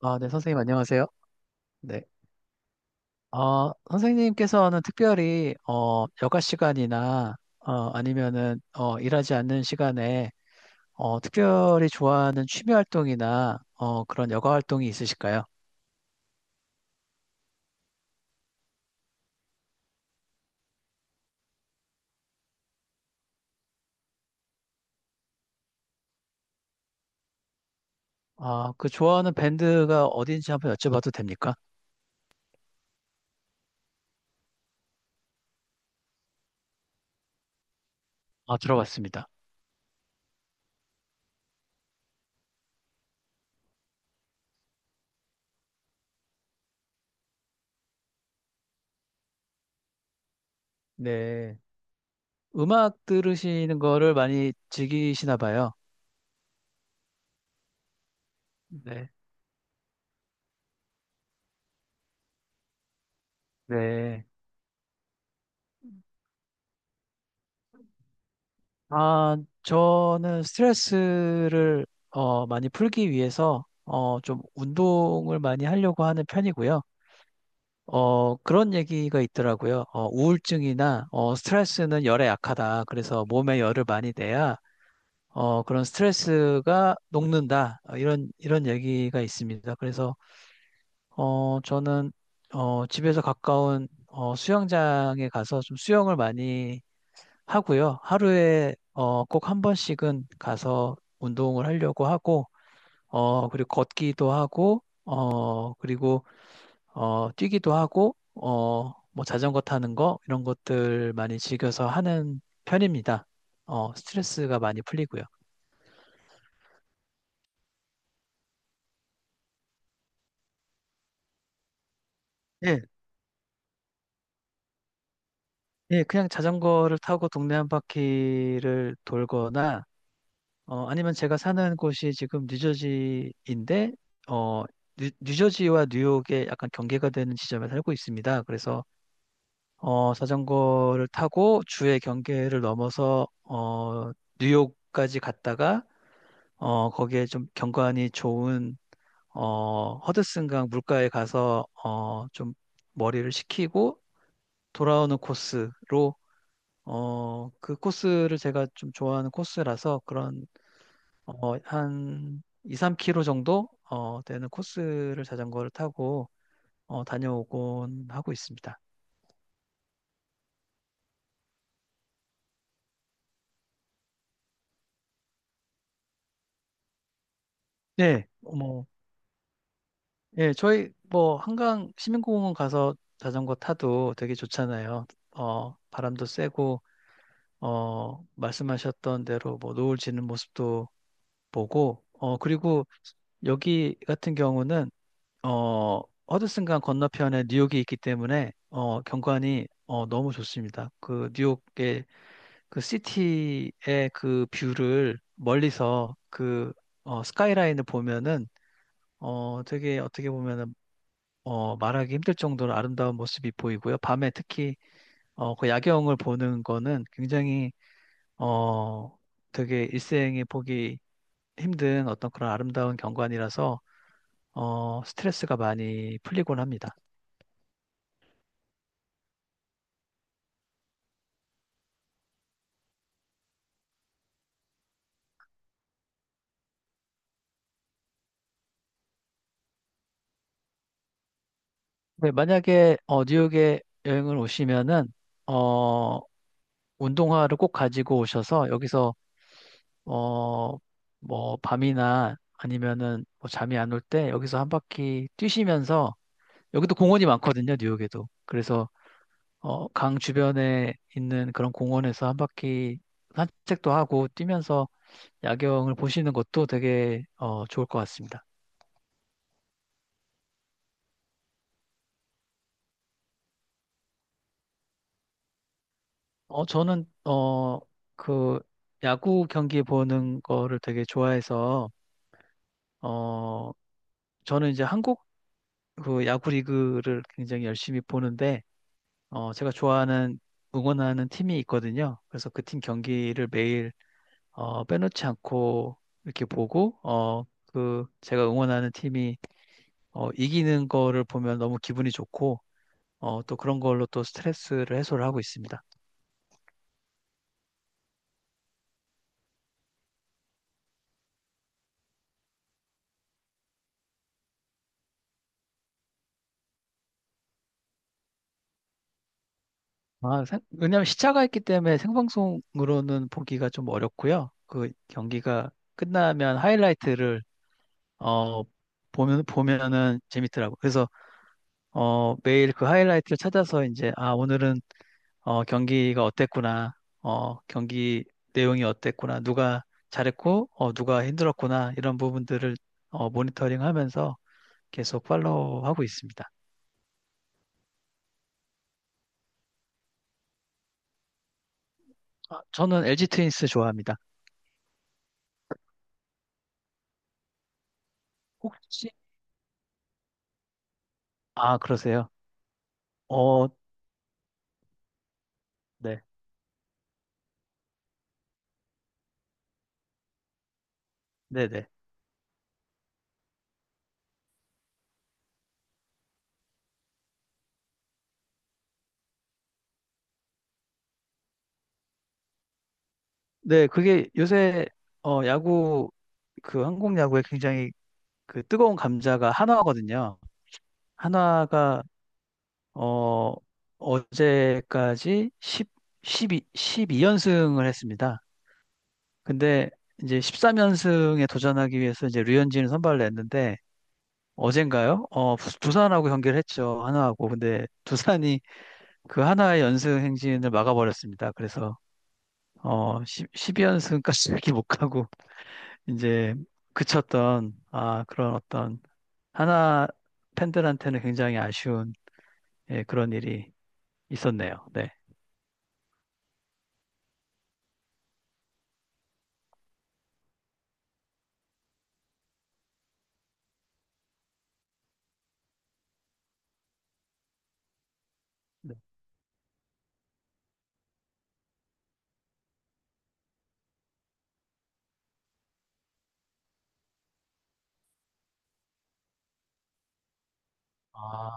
아, 네, 선생님 안녕하세요. 네. 선생님께서는 특별히 여가 시간이나 아니면은 일하지 않는 시간에 특별히 좋아하는 취미 활동이나 그런 여가 활동이 있으실까요? 아, 그 좋아하는 밴드가 어딘지 한번 여쭤봐도 됩니까? 아, 들어봤습니다. 네. 음악 들으시는 거를 많이 즐기시나 봐요. 네. 네. 아, 저는 스트레스를 많이 풀기 위해서 좀 운동을 많이 하려고 하는 편이고요. 그런 얘기가 있더라고요. 우울증이나 스트레스는 열에 약하다. 그래서 몸에 열을 많이 내야 그런 스트레스가 녹는다. 이런 얘기가 있습니다. 그래서 저는 집에서 가까운 수영장에 가서 좀 수영을 많이 하고요. 하루에 꼭 한 번씩은 가서 운동을 하려고 하고, 그리고 걷기도 하고, 그리고 뛰기도 하고, 뭐 자전거 타는 거 이런 것들 많이 즐겨서 하는 편입니다. 스트레스가 많이 풀리고요. 예, 예, 그냥 자전거를 타고 동네 한 바퀴를 돌거나 아니면 제가 사는 곳이 지금 뉴저지인데, 어, 뉴저지와 뉴욕의 약간 경계가 되는 지점에 살고 있습니다. 그래서 자전거를 타고 주의 경계를 넘어서 뉴욕까지 갔다가 거기에 좀 경관이 좋은 허드슨강 물가에 가서 좀 머리를 식히고 돌아오는 코스로 그 코스를 제가 좀 좋아하는 코스라서 그런 한 2, 3 k 로 정도 되는 코스를 자전거를 타고 다녀오곤 하고 있습니다. 네, 뭐, 예, 저희 뭐 한강 시민공원 가서 자전거 타도 되게 좋잖아요. 바람도 쐬고 말씀하셨던 대로 뭐 노을 지는 모습도 보고 그리고 여기 같은 경우는 어, 허드슨강 건너편에 뉴욕이 있기 때문에 경관이 너무 좋습니다. 그 뉴욕의 그 시티의 그 뷰를 멀리서 그 스카이라인을 보면은 되게 어떻게 보면은 말하기 힘들 정도로 아름다운 모습이 보이고요. 밤에 특히 그 야경을 보는 거는 굉장히 어, 되게 일생에 보기 힘든 어떤 그런 아름다운 경관이라서 스트레스가 많이 풀리곤 합니다. 네, 만약에 뉴욕에 여행을 오시면은 어, 운동화를 꼭 가지고 오셔서 여기서 어, 뭐 밤이나 아니면은 뭐 잠이 안 올 때 여기서 한 바퀴 뛰시면서 여기도 공원이 많거든요, 뉴욕에도. 그래서 강 주변에 있는 그런 공원에서 한 바퀴 산책도 하고 뛰면서 야경을 보시는 것도 되게 좋을 것 같습니다. 저는 그 야구 경기 보는 거를 되게 좋아해서 어, 저는 이제 한국 그 야구 리그를 굉장히 열심히 보는데, 제가 좋아하는 응원하는 팀이 있거든요. 그래서 그 팀 경기를 매일 빼놓지 않고 이렇게 보고, 그 제가 응원하는 팀이 이기는 거를 보면 너무 기분이 좋고, 또 그런 걸로 또 스트레스를 해소를 하고 있습니다. 아, 왜냐하면 시차가 있기 때문에 생방송으로는 보기가 좀 어렵고요. 그 경기가 끝나면 하이라이트를 어, 보면은 재밌더라고. 그래서 매일 그 하이라이트를 찾아서 이제, 아, 오늘은 경기가 어땠구나. 경기 내용이 어땠구나. 누가 잘했고, 누가 힘들었구나. 이런 부분들을 모니터링 하면서 계속 팔로우하고 있습니다. 아, 저는 LG 트윈스 좋아합니다. 혹시, 아, 그러세요? 어, 네. 네네. 네, 그게 요새, 야구, 그 한국 야구에 굉장히 그 뜨거운 감자가 한화거든요. 하나가 어 어제까지 1 십이 2이연승을 했습니다. 근데 이제 13연승에 도전하기 위해서 이제 류현진을 선발을 냈는데 어젠가요? 두산하고 경기를 했죠. 하나하고. 근데 두산이 그 하나의 연승 행진을 막아버렸습니다. 그래서 10, 2연승까지 이렇게 못 가고 이제 그쳤던 아 그런 어떤 하나 팬들한테는 굉장히 아쉬운 예, 그런 일이 있었네요. 네. 아,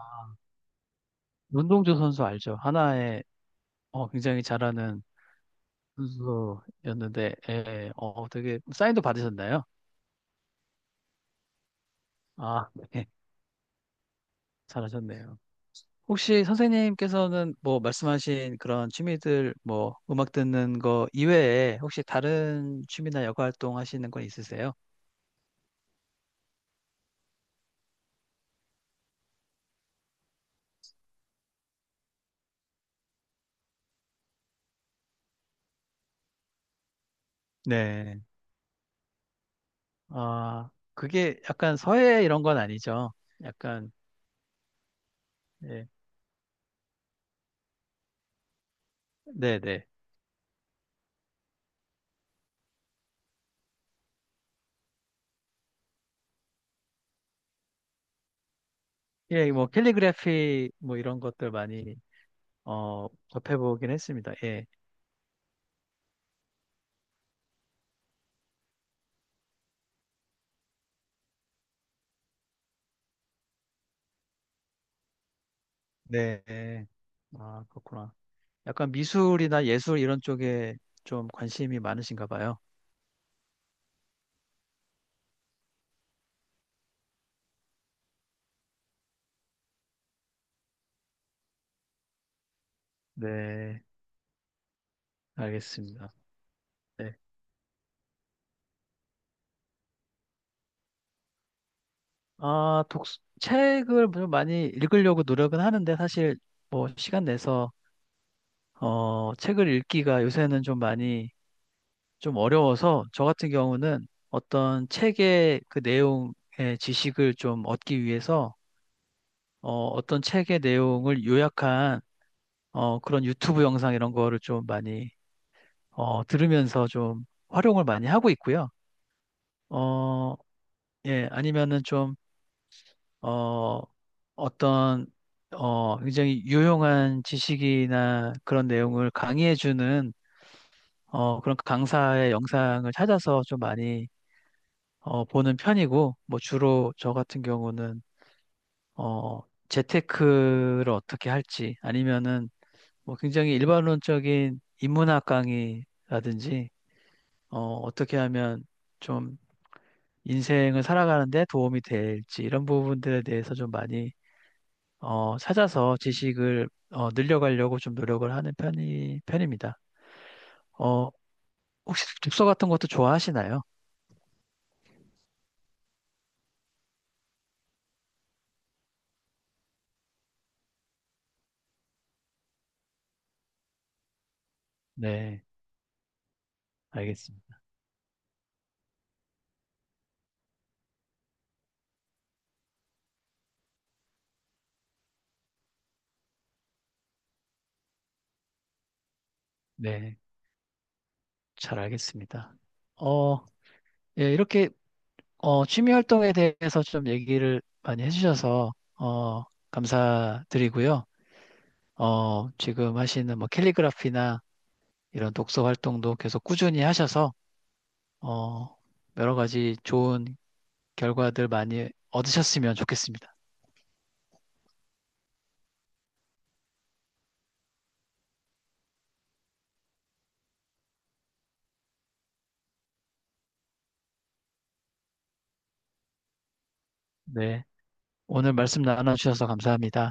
문동주 선수 알죠? 하나에 굉장히 잘하는 선수였는데, 예, 되게 사인도 받으셨나요? 아, 네, 잘하셨네요. 혹시 선생님께서는 뭐 말씀하신 그런 취미들, 뭐 음악 듣는 거 이외에 혹시 다른 취미나 여가 활동 하시는 건 있으세요? 네. 아, 그게 약간 서예 이런 건 아니죠. 약간, 예, 네네. 예, 뭐 캘리그래피 뭐 이런 것들 많이 접해보긴 했습니다. 예. 네. 네. 아, 그렇구나. 약간 미술이나 예술 이런 쪽에 좀 관심이 많으신가 봐요. 네, 알겠습니다. 네. 아, 책을 좀 많이 읽으려고 노력은 하는데 사실 뭐 시간 내서 책을 읽기가 요새는 좀 많이 좀 어려워서 저 같은 경우는 어떤 책의 그 내용의 지식을 좀 얻기 위해서 어떤 책의 내용을 요약한 그런 유튜브 영상 이런 거를 좀 많이 들으면서 좀 활용을 많이 하고 있고요. 어, 예, 아니면은 좀 어, 어떤 굉장히 유용한 지식이나 그런 내용을 강의해주는 그런 강사의 영상을 찾아서 좀 많이 보는 편이고, 뭐 주로 저 같은 경우는 어, 재테크를 어떻게 할지 아니면은 뭐 굉장히 일반론적인 인문학 강의라든지 어떻게 하면 좀 인생을 살아가는데 도움이 될지 이런 부분들에 대해서 좀 많이 찾아서 지식을 늘려가려고 좀 노력을 하는 편입니다. 어, 혹시 독서 같은 것도 좋아하시나요? 네, 알겠습니다. 네, 잘 알겠습니다. 어, 예, 이렇게 취미 활동에 대해서 좀 얘기를 많이 해주셔서 감사드리고요. 지금 하시는 뭐 캘리그라피나 이런 독서 활동도 계속 꾸준히 하셔서 어, 여러 가지 좋은 결과들 많이 얻으셨으면 좋겠습니다. 네. 오늘 말씀 나눠주셔서 감사합니다.